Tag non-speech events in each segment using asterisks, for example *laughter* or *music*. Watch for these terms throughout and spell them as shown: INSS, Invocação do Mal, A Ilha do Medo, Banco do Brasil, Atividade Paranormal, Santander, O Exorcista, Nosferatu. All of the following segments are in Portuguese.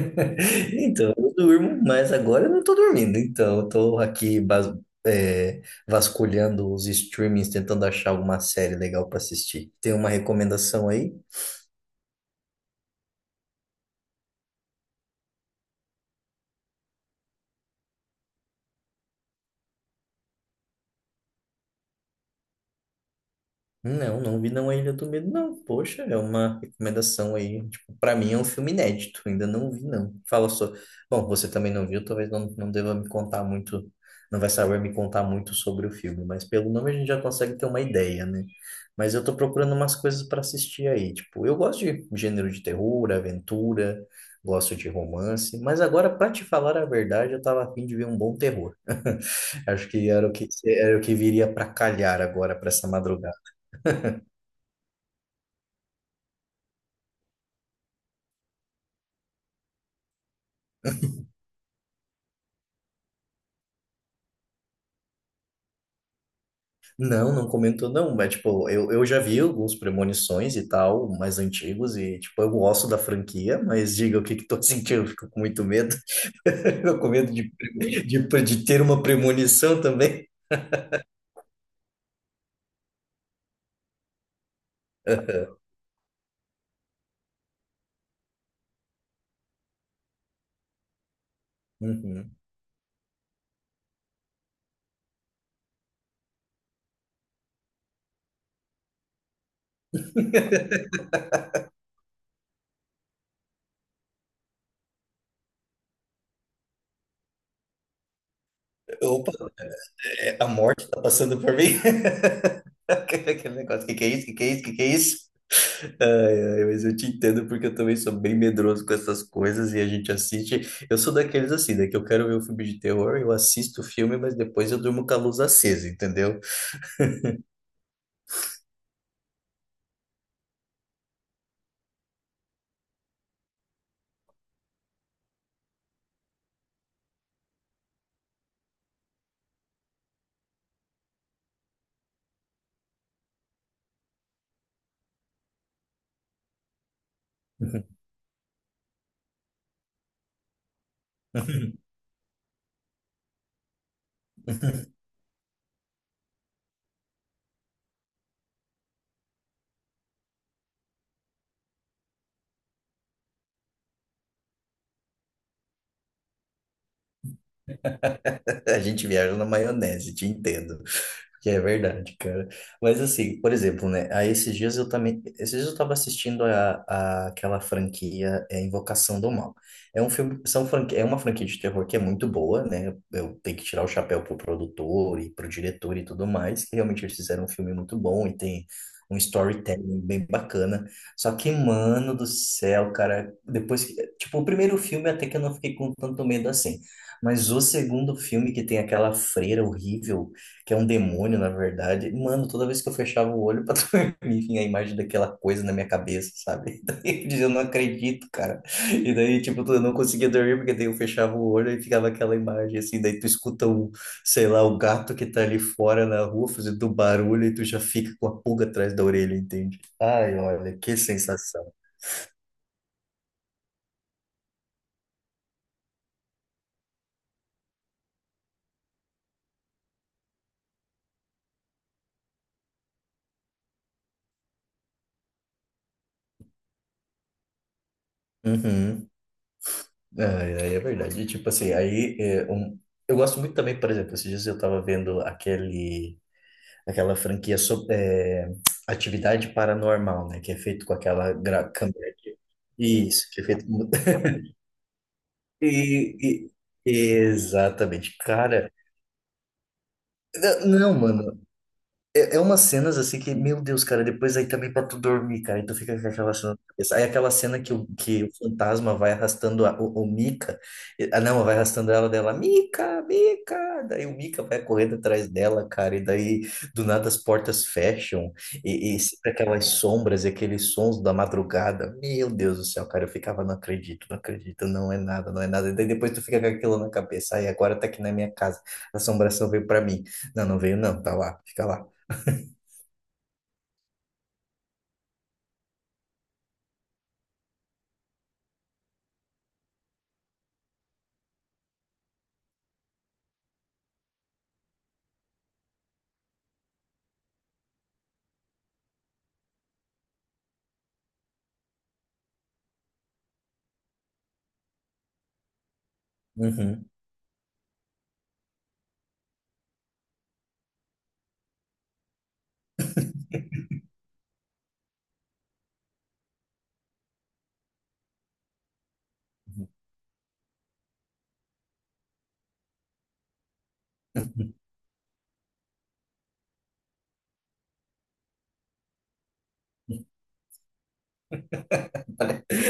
*laughs* Então, eu durmo, mas agora eu não tô dormindo. Então, eu tô aqui é, vasculhando os streamings, tentando achar alguma série legal para assistir. Tem uma recomendação aí? Não, não vi não A Ilha do Medo, não. Poxa, é uma recomendação aí. Tipo, para mim é um filme inédito, ainda não vi não. Fala só. Bom, você também não viu, talvez não, não deva me contar muito, não vai saber me contar muito sobre o filme, mas pelo nome a gente já consegue ter uma ideia, né? Mas eu tô procurando umas coisas para assistir aí. Tipo, eu gosto de gênero de terror, aventura, gosto de romance, mas agora, para te falar a verdade, eu tava a fim de ver um bom terror. *laughs* Acho que era o que, era o que viria para calhar agora, para essa madrugada. Não, não comentou não, mas tipo, eu já vi alguns premonições e tal, mais antigos, e tipo, eu gosto da franquia, mas diga o que que tô *laughs* sentindo, eu fico com muito medo, *laughs* eu com medo de ter uma premonição também. *laughs* Uhum. Opa, é, a morte tá passando por mim? *laughs* Aquele negócio, o que que é isso? O que que é isso? O que que é isso? Ai, ai, mas eu te entendo porque eu também sou bem medroso com essas coisas e a gente assiste. Eu sou daqueles assim, né? Que eu quero ver um filme de terror, eu assisto o filme, mas depois eu durmo com a luz acesa, entendeu? *laughs* *laughs* A gente viaja na maionese, te entendo. Que é verdade, cara. Mas assim, por exemplo, né? Aí esses dias eu também. Esses dias eu tava assistindo aquela franquia Invocação do Mal. É um filme. É uma franquia de terror que é muito boa, né? Eu tenho que tirar o chapéu pro produtor e pro diretor e tudo mais, que realmente eles fizeram um filme muito bom e tem um storytelling bem bacana. Só que, mano do céu, cara, depois que. Tipo, o primeiro filme até que eu não fiquei com tanto medo assim. Mas o segundo filme que tem aquela freira horrível, que é um demônio, na verdade, mano, toda vez que eu fechava o olho pra *laughs* dormir, vinha a imagem daquela coisa na minha cabeça, sabe? *laughs* Daí eu dizia, eu não acredito, cara. E daí, tipo, eu não conseguia dormir, porque daí eu fechava o olho e ficava aquela imagem, assim, daí tu escuta um, sei lá, o gato que tá ali fora na rua fazendo barulho e tu já fica com a pulga atrás da orelha, entende? Ai, olha, que sensação. Uhum. É, é verdade. E, tipo assim, eu gosto muito também, por exemplo, esses dias eu tava vendo aquela franquia sobre, Atividade Paranormal, né? Que é feito com aquela câmera aqui. Isso, que é feito. *laughs* E, exatamente, cara. Não, mano. É, é umas cenas assim que, meu Deus, cara, depois aí também pra tu dormir, cara, e tu fica com aquela cena na cabeça. Aí aquela cena que o fantasma vai arrastando o Mika, ah não, vai arrastando ela dela, Mika, Mika, daí o Mika vai correndo atrás dela, cara, e daí do nada as portas fecham, e sempre aquelas sombras e aqueles sons da madrugada, meu Deus do céu, cara, eu ficava, não acredito, não acredito, não é nada, não é nada, e daí depois tu fica com aquilo na cabeça, aí agora tá aqui na minha casa, a assombração veio pra mim, não, não veio não, tá lá, fica lá. *laughs* Uhum. *laughs*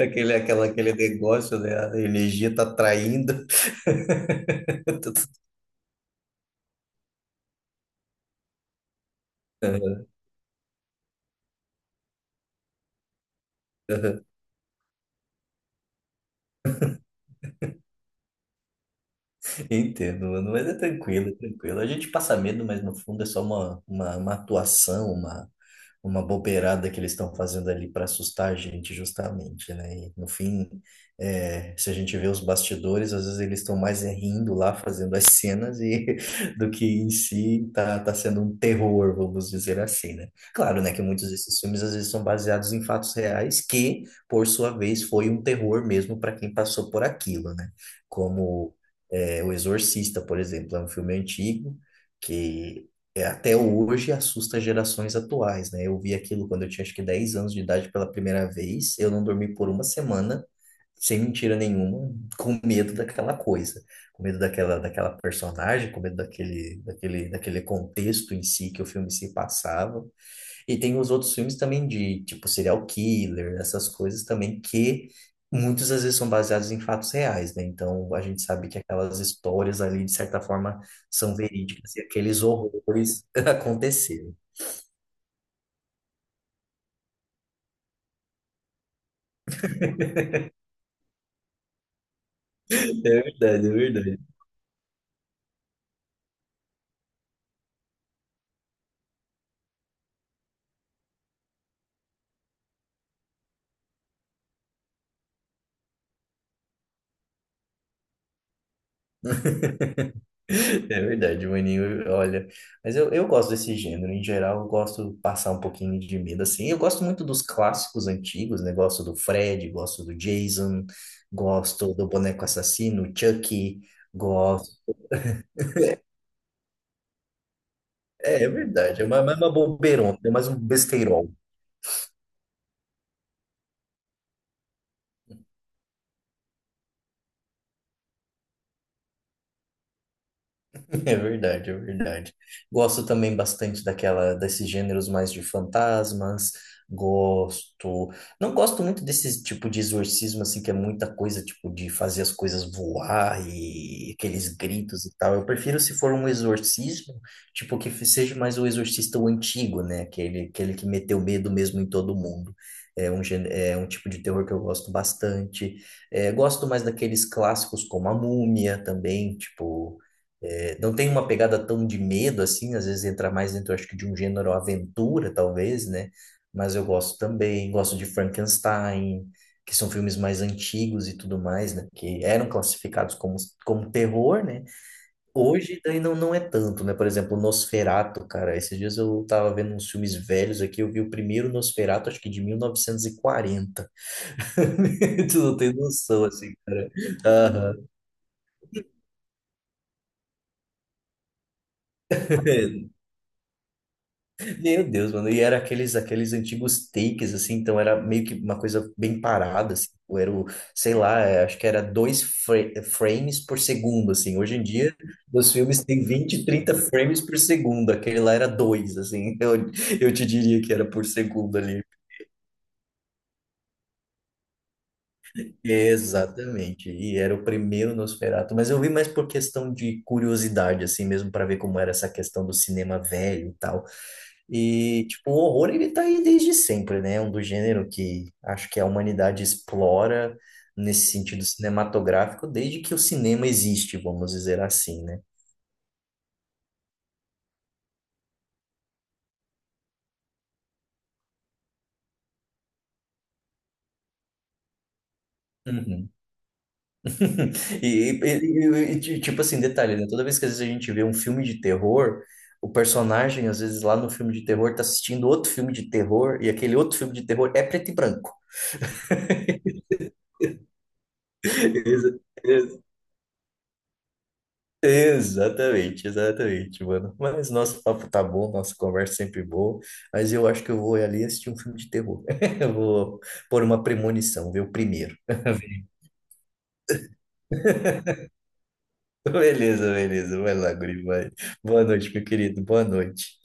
Aquele negócio, né? A energia tá traindo. *laughs* Entendo, mano. Mas é tranquilo, é tranquilo. A gente passa medo, mas no fundo é só uma atuação, uma bobeirada que eles estão fazendo ali para assustar a gente, justamente, né? E, no fim, se a gente vê os bastidores, às vezes eles estão mais é rindo lá, fazendo as cenas, e *laughs* do que em si tá, tá sendo um terror, vamos dizer assim, né? Claro, né, que muitos desses filmes às vezes são baseados em fatos reais, que, por sua vez, foi um terror mesmo para quem passou por aquilo, né? Como é, O Exorcista, por exemplo, é um filme antigo que até hoje assusta gerações atuais, né? Eu vi aquilo quando eu tinha acho que 10 anos de idade pela primeira vez, eu não dormi por uma semana, sem mentira nenhuma, com medo daquela coisa, com medo daquela personagem, com medo daquele contexto em si que o filme se passava. E tem os outros filmes também de, tipo, serial killer, essas coisas também que muitas às vezes são baseados em fatos reais, né? Então a gente sabe que aquelas histórias ali, de certa forma, são verídicas e aqueles horrores *laughs* aconteceram. É verdade, é verdade. É verdade, maninho, olha. Mas eu gosto desse gênero, em geral, eu gosto de passar um pouquinho de medo, assim. Eu gosto muito dos clássicos antigos, né? Gosto do Fred, gosto do Jason, gosto do Boneco Assassino, Chucky. É, é verdade, é mais uma bobeirona, é mais um besteirol. *laughs* É verdade, é verdade. Gosto também bastante desses gêneros mais de fantasmas. Gosto. Não gosto muito desse tipo de exorcismo, assim, que é muita coisa, tipo, de fazer as coisas voar e aqueles gritos e tal. Eu prefiro se for um exorcismo, tipo, que seja mais o exorcista o antigo, né? Aquele que meteu medo mesmo em todo mundo. É um tipo de terror que eu gosto bastante. É, gosto mais daqueles clássicos como a Múmia também, tipo. É, não tem uma pegada tão de medo assim, às vezes entra mais dentro, acho que de um gênero aventura, talvez, né? Mas eu gosto também, gosto de Frankenstein, que são filmes mais antigos e tudo mais, né? Que eram classificados como terror, né? Hoje daí não, não é tanto, né? Por exemplo, Nosferatu, cara. Esses dias eu tava vendo uns filmes velhos aqui, eu vi o primeiro Nosferatu, acho que de 1940. *laughs* Tu não tem noção, assim, cara. Aham. *laughs* Meu Deus, mano. E era aqueles antigos takes, assim, então era meio que uma coisa bem parada, assim. Ou era o, sei lá, acho que era dois frames por segundo, assim. Hoje em dia, os filmes têm 20 30 frames por segundo. Aquele lá era 2, assim. *laughs* Eu te diria que era por segundo ali. Exatamente. E era o primeiro Nosferatu, mas eu vi mais por questão de curiosidade, assim mesmo, para ver como era essa questão do cinema velho e tal. E, tipo, o horror ele tá aí desde sempre, né? É um do gênero que acho que a humanidade explora nesse sentido cinematográfico desde que o cinema existe, vamos dizer assim, né? Uhum. *laughs* E, tipo assim, detalhe, né? Toda vez que às vezes a gente vê um filme de terror, o personagem, às vezes lá no filme de terror, tá assistindo outro filme de terror, e aquele outro filme de terror é preto e branco. *laughs* Exa- ex- Exatamente, exatamente, mano. Mas nosso papo tá bom, nossa conversa sempre boa, mas eu acho que eu vou ali assistir um filme de terror. *laughs* Eu vou pôr uma premonição, ver o primeiro. *laughs* Beleza, beleza, vai lá, guri, vai. Boa noite, meu querido, boa noite.